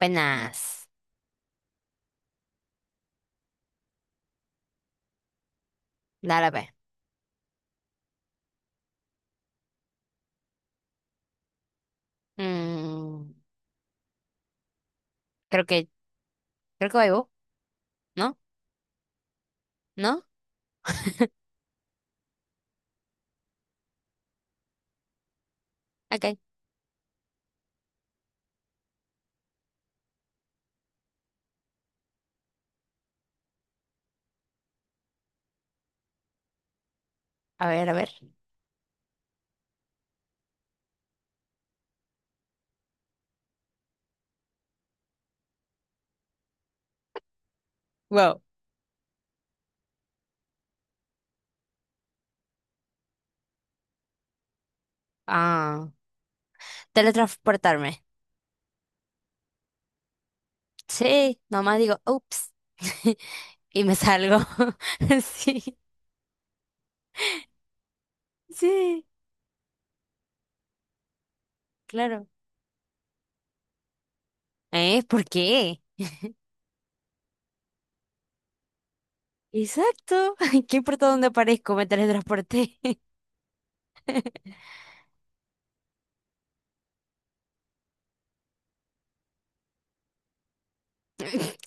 Penas. Dale, pues. Mm, creo que, creo que voy vos, ¿no? ¿No? Ok. A ver, a ver. Wow. Ah. Teletransportarme. Sí, nomás digo, ups. Y me salgo. Sí, sí, claro. ¿Eh? ¿Por qué? Exacto. ¿Qué importa dónde aparezco? Me teletransporté.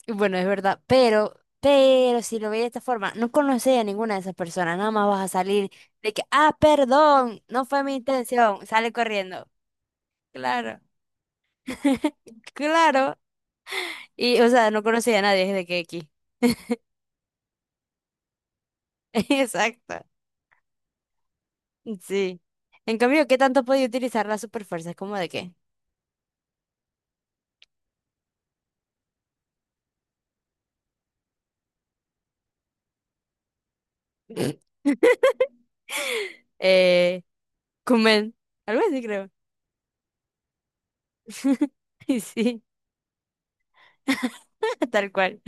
Bueno, es verdad, pero si lo veis de esta forma, no conoces a ninguna de esas personas, nada más vas a salir de que, ah, perdón, no fue mi intención, sale corriendo. Claro, claro. Y, o sea, no conoces a nadie desde que aquí. Exacto, sí. En cambio, ¿qué tanto podía utilizar la superfuerza? Es como de qué. Eh, comen, algo así creo. Y sí, tal cual.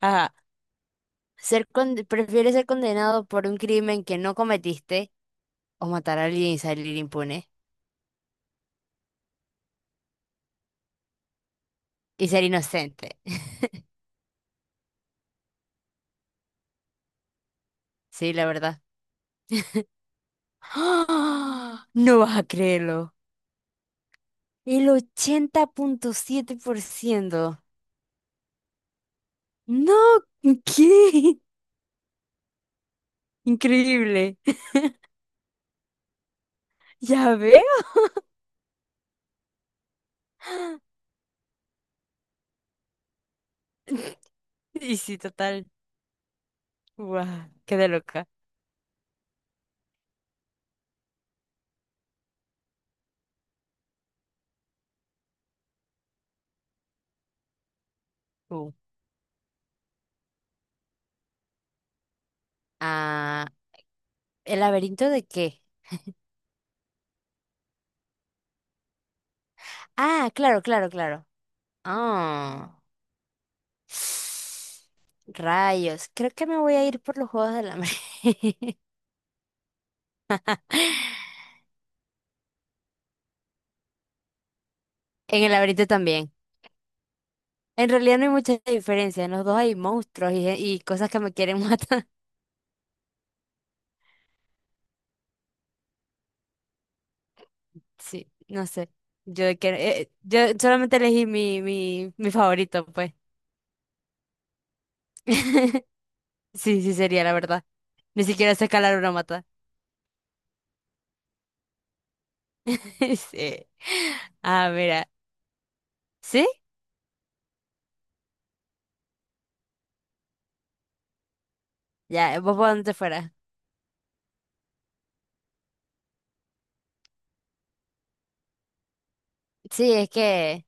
Ajá. Prefieres ser condenado por un crimen que no cometiste o matar a alguien y salir impune. Y ser inocente. Sí, la verdad. ¡Ah! No vas a creerlo. El 80.7%. No, ¿qué? Increíble. Ya veo. Y sí, total. Guau, quedé loca. Uh. Ah, ¿el laberinto de qué? Ah, claro, claro, claro. Ah. Rayos. Creo que me voy a ir por los Juegos del Hambre. En el laberinto también. En realidad no hay mucha diferencia. En los dos hay monstruos y cosas que me quieren matar. Sí, no sé. Yo solamente elegí mi favorito, pues. Sí, sí sería la verdad. Ni siquiera sé escalar una mata. Sí. Ah, mira. ¿Sí? Ya, vos por donde te fueras. Sí, es que,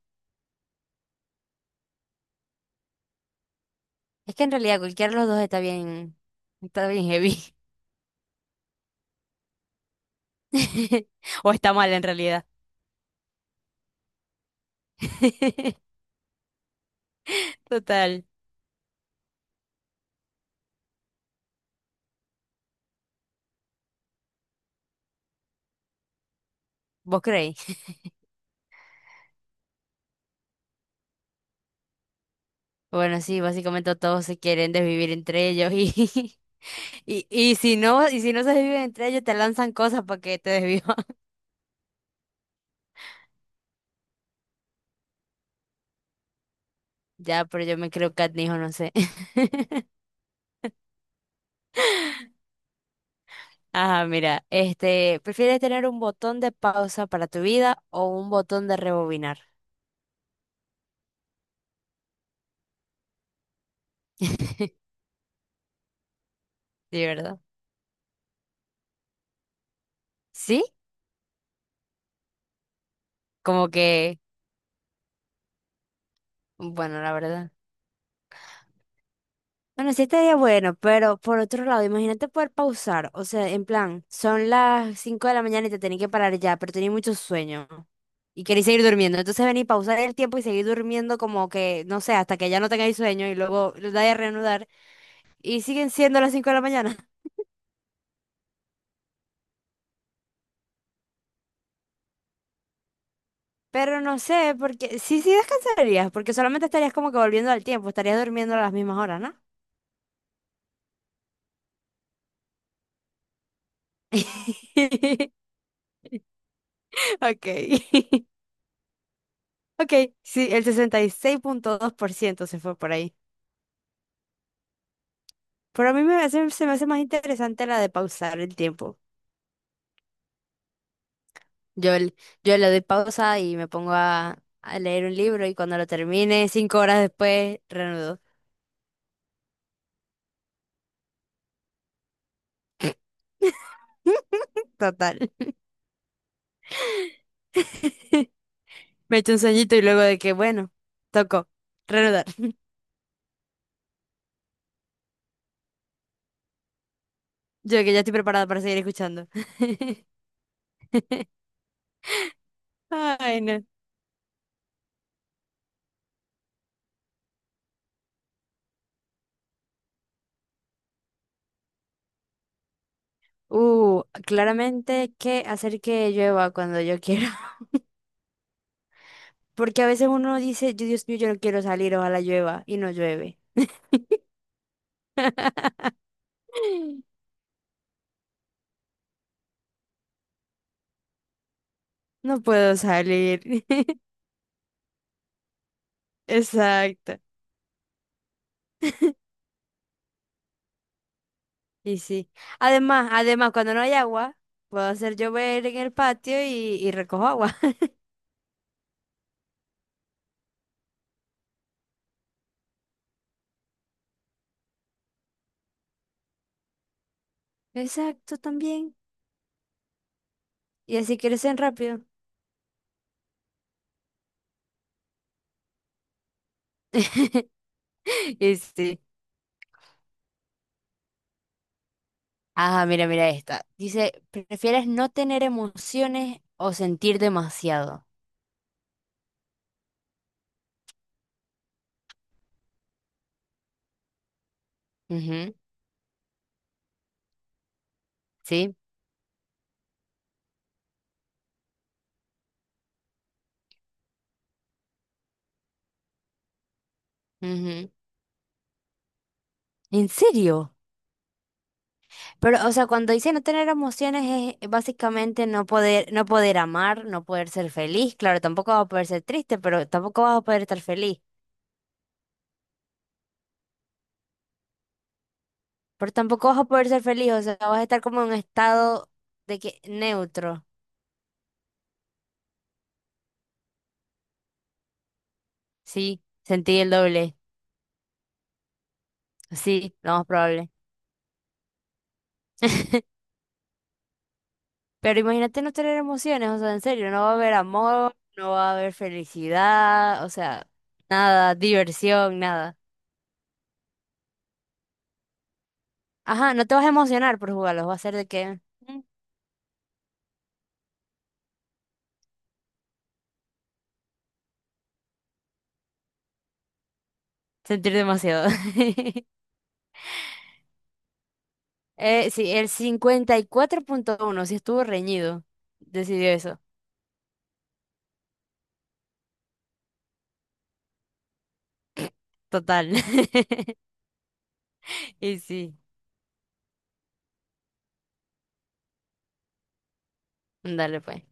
es que en realidad cualquiera de los dos está bien heavy. O está mal en realidad. Total. ¿Vos creéis? Bueno, sí, básicamente todos se quieren desvivir entre ellos y, y si no se desviven entre ellos, te lanzan cosas para que te desvivan. Ya, pero yo me creo catnijo, no sé. Ajá, mira, este, ¿prefieres tener un botón de pausa para tu vida o un botón de rebobinar? Sí, ¿verdad? Sí, como que, bueno, la verdad. Bueno, sí estaría bueno, pero por otro lado, imagínate poder pausar. O sea, en plan, son las 5 de la mañana y te tenés que parar ya, pero tenés mucho sueño y querés seguir durmiendo. Entonces venís, pausar el tiempo y seguir durmiendo como que, no sé, hasta que ya no tengáis sueño y luego lo dais a reanudar y siguen siendo las 5 de la mañana. Pero no sé, porque sí, sí descansarías, porque solamente estarías como que volviendo al tiempo, estarías durmiendo a las mismas horas, ¿no? Ok. Ok, sí, el 66.2% se fue por ahí. Pero a mí se me hace más interesante la de pausar el tiempo. Yo, l- yo le doy pausa y me pongo a leer un libro y cuando lo termine, 5 horas después, reanudo. Total. Me echo un sueñito y luego de que, bueno, tocó, reanudar. Yo que ya estoy preparada para seguir escuchando. Ay, no. Claramente que hacer que llueva cuando yo quiera. Porque a veces uno dice: "Yo, Dios mío, yo no quiero salir, ojalá llueva", y no llueve. No puedo salir. Exacto. Y sí. Además, además, cuando no hay agua, puedo hacer llover en el patio y recojo agua. Exacto, también. Y así crecen rápido. Y sí. Ajá, mira, mira esta. Dice, ¿prefieres no tener emociones o sentir demasiado? Ujú, sí. Ujú. ¿En serio? Pero, o sea, cuando dice no tener emociones es básicamente no poder amar, no poder ser feliz. Claro, tampoco vas a poder ser triste, pero tampoco vas a poder estar feliz. Pero tampoco vas a poder ser feliz, o sea, vas a estar como en un estado de que neutro. Sí, sentí el doble. Sí, lo más probable. Pero imagínate no tener emociones, o sea, en serio, no va a haber amor, no va a haber felicidad, o sea, nada, diversión, nada. Ajá, no te vas a emocionar por jugarlos, va a ser de que... "Mm, sentir demasiado". Sí, el 54.1 sí estuvo reñido. Decidió eso. Total. Y sí, dale pues.